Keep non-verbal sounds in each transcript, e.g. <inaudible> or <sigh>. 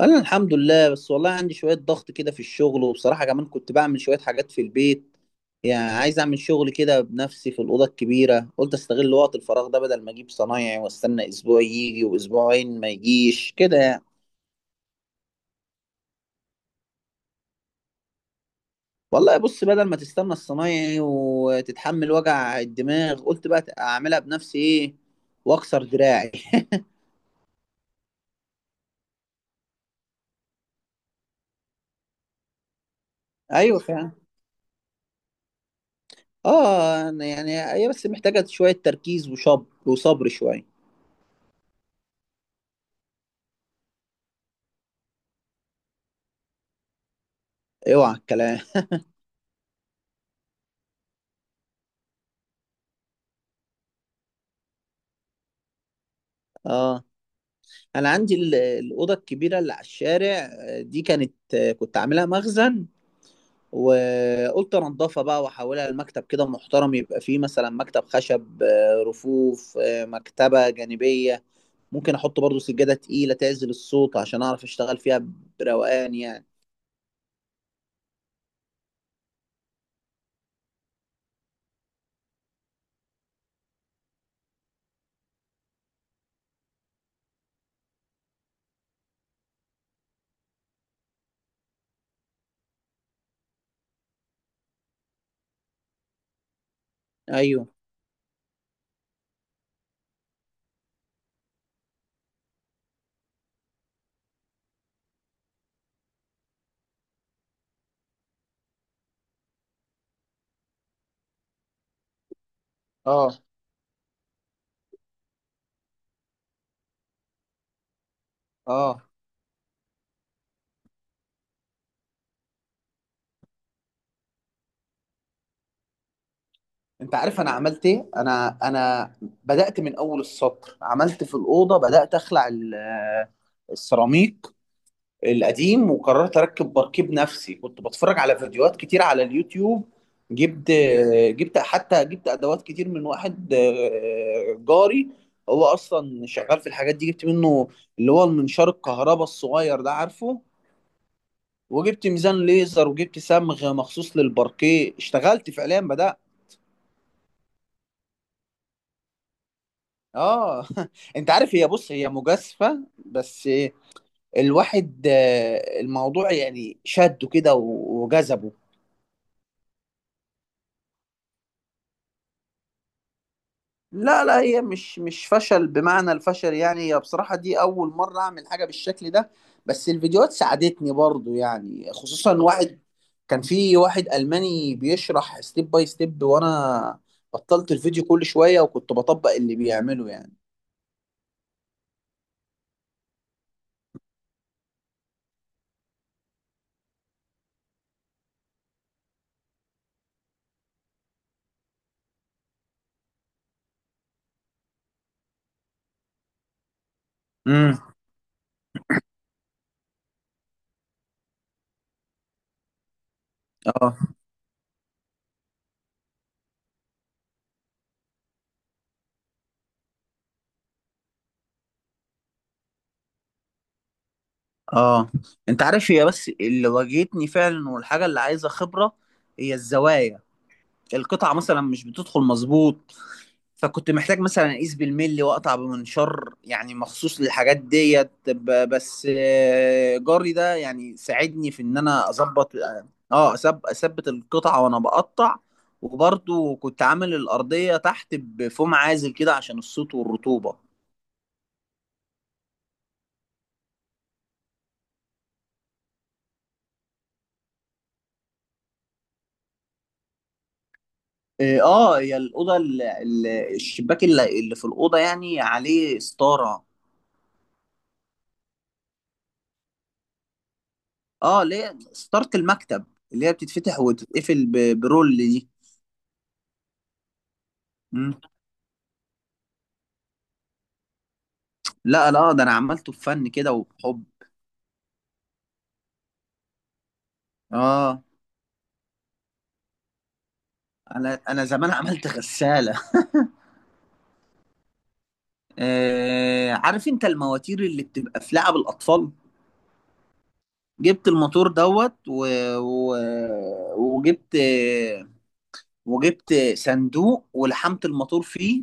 انا الحمد لله، بس والله عندي شوية ضغط كده في الشغل، وبصراحة كمان كنت بعمل شوية حاجات في البيت. يعني عايز اعمل شغل كده بنفسي في الأوضة الكبيرة، قلت استغل وقت الفراغ ده بدل ما اجيب صنايعي واستنى اسبوع يجي واسبوعين ما يجيش كده يعني. والله بص، بدل ما تستنى الصنايعي وتتحمل وجع الدماغ قلت بقى اعملها بنفسي ايه واكسر دراعي <laughs> ايوه فعلا. اه، يعني هي بس محتاجة شوية تركيز وشب وصبر شوية. اوعى الكلام. اه، انا عندي الاوضه الكبيره اللي على الشارع، دي كانت، كنت عاملها مخزن. وقلت انضفها بقى واحولها لمكتب كده محترم، يبقى فيه مثلا مكتب خشب، رفوف، مكتبه جانبيه. ممكن احط برضو سجاده تقيله تعزل الصوت عشان اعرف اشتغل فيها بروقان يعني. ايوه، اه، اه، انت عارف انا عملت ايه؟ انا بدات من اول السطر، عملت في الاوضه، بدات اخلع السيراميك القديم، وقررت اركب بركيب نفسي، كنت بتفرج على فيديوهات كتير على اليوتيوب. جبت جبت حتى جبت ادوات كتير من واحد، جاري، هو اصلا شغال في الحاجات دي. جبت منه اللي هو المنشار الكهرباء الصغير ده، عارفه؟ وجبت ميزان ليزر، وجبت صمغ مخصوص للباركيه، اشتغلت فعليا بدأت. اه <laughs> انت عارف، هي بص، هي مجازفة بس. الواحد آه، الموضوع يعني شده كده وجذبه. لا، لا، هي مش فشل بمعنى الفشل يعني. هي بصراحة دي أول مرة أعمل حاجة بالشكل ده. بس الفيديوهات ساعدتني برضو يعني، خصوصا واحد. كان في واحد ألماني بيشرح ستيب باي ستيب، وأنا بطلت الفيديو كل شوية وكنت بطبق اللي بيعمله يعني. امم، اه، اه، انت عارف هي بس اللي واجهتني فعلا، والحاجة اللي عايزة خبرة هي الزوايا. القطعة مثلا مش بتدخل مظبوط، فكنت محتاج مثلا اقيس بالملي واقطع بمنشار يعني مخصوص للحاجات ديت، بس جاري ده يعني ساعدني في ان انا اظبط. اه، اثبت القطعه وانا بقطع. وبرضو كنت عامل الارضيه تحت بفوم عازل كده عشان الصوت والرطوبه. اه، هي الاوضه، الشباك اللي في الاوضه يعني عليه ستاره. اه، ليه ستاره المكتب اللي هي بتتفتح وتتقفل برول دي. لا، لا، ده انا عملته بفن كده وبحب. اه، انا زمان عملت غسالة. عارف انت المواتير اللي بتبقى في لعب الاطفال؟ جبت الموتور دوت و... وجبت وجبت صندوق ولحمت الموتور فيه.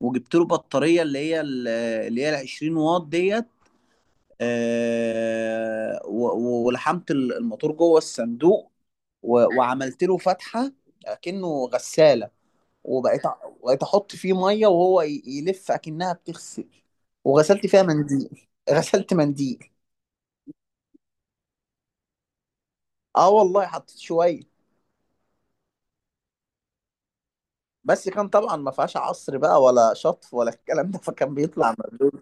وجبت له بطارية اللي هي ال 20 واط ديت. ولحمت الموتور جوه الصندوق. وعملت له فتحة كأنه غسالة. وبقيت أ- بقيت احط فيه ميه وهو يلف اكنها بتغسل. وغسلت فيها منديل <laughs> غسلت منديل. اه، والله حطيت شويه. بس كان طبعا ما فيهاش عصر بقى ولا شطف ولا الكلام ده، فكان بيطلع مبلول.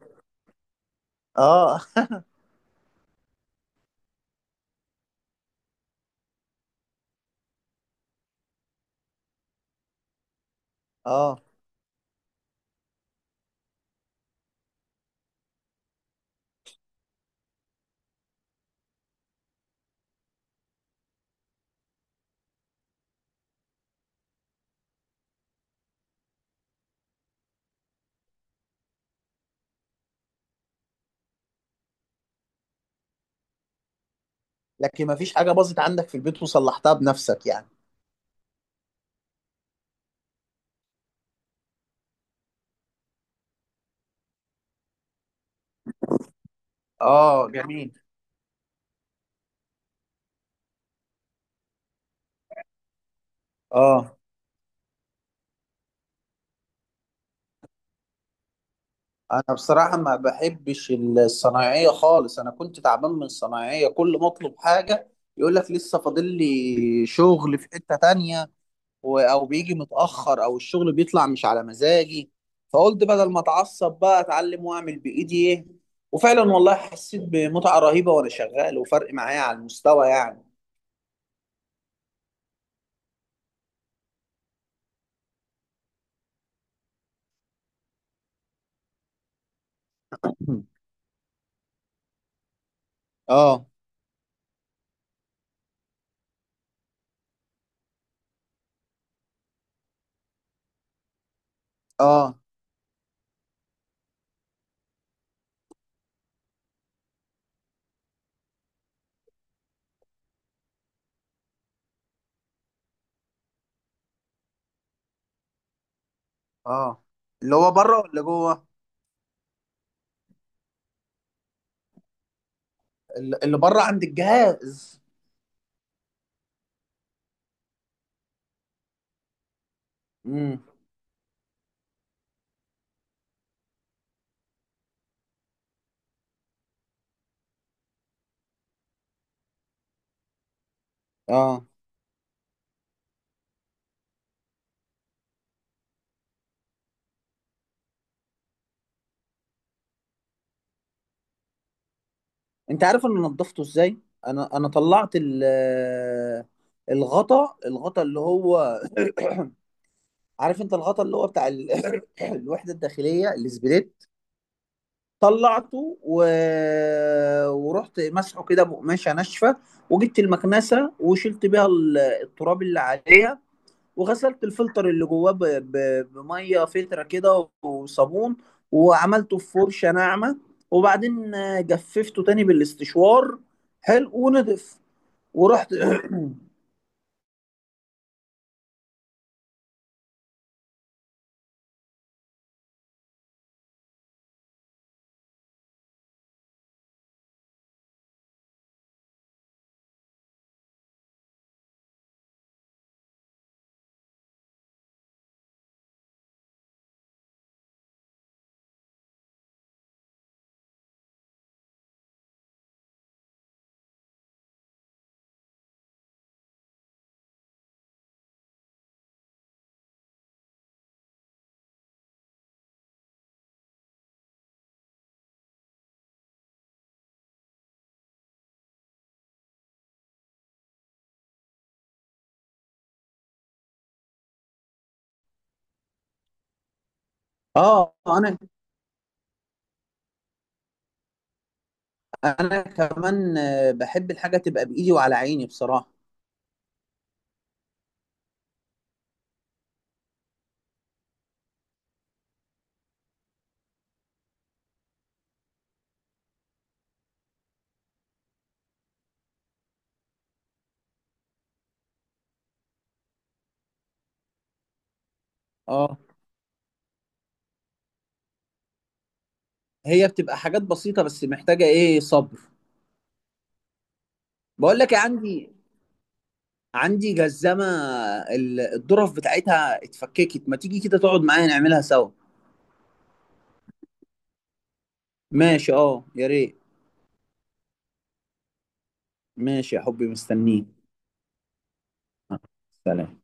اه، اه، لكن ما فيش حاجه باظت عندك في البيت وصلحتها بنفسك يعني؟ اه جميل. اه، انا بصراحه ما بحبش الصنايعيه خالص. انا كنت تعبان من الصنايعيه، كل ما اطلب حاجه يقول لك لسه فاضل لي شغل في حته تانية، او بيجي متاخر، او الشغل بيطلع مش على مزاجي. فقلت بدل ما اتعصب بقى اتعلم واعمل بايدي ايه. وفعلا والله حسيت بمتعه رهيبه وانا شغال، وفرق معايا على المستوى يعني. <clears throat> اه، اه، اه، اللي هو بره ولا جوه؟ اللي بره عند الجهاز. امم. اه، انت عارف انا نضفته ازاي؟ انا طلعت ال الغطا الغطا اللي هو، عارف انت الغطا اللي هو بتاع <coughs> <clears throat> الوحده الداخليه السبريت. طلعته ورحت مسحه كده بقماشه ناشفه. وجبت المكنسه وشلت بيها التراب اللي عليها. وغسلت الفلتر اللي جواه بميه فلتره كده وصابون. وعملته في فرشه ناعمه، وبعدين جففته تاني بالاستشوار، حلو ونضف. ورحت <coughs> <clears throat> اه، انا كمان بحب الحاجه تبقى بايدي وعلى عيني بصراحه. اه، هي بتبقى حاجات بسيطه بس محتاجه ايه صبر. بقول لك إيه، عندي جزمة الظرف بتاعتها اتفككت، ما تيجي كده تقعد معايا نعملها سوا؟ ماشي اه، يا ريت. ماشي يا حبي مستنيك. سلام.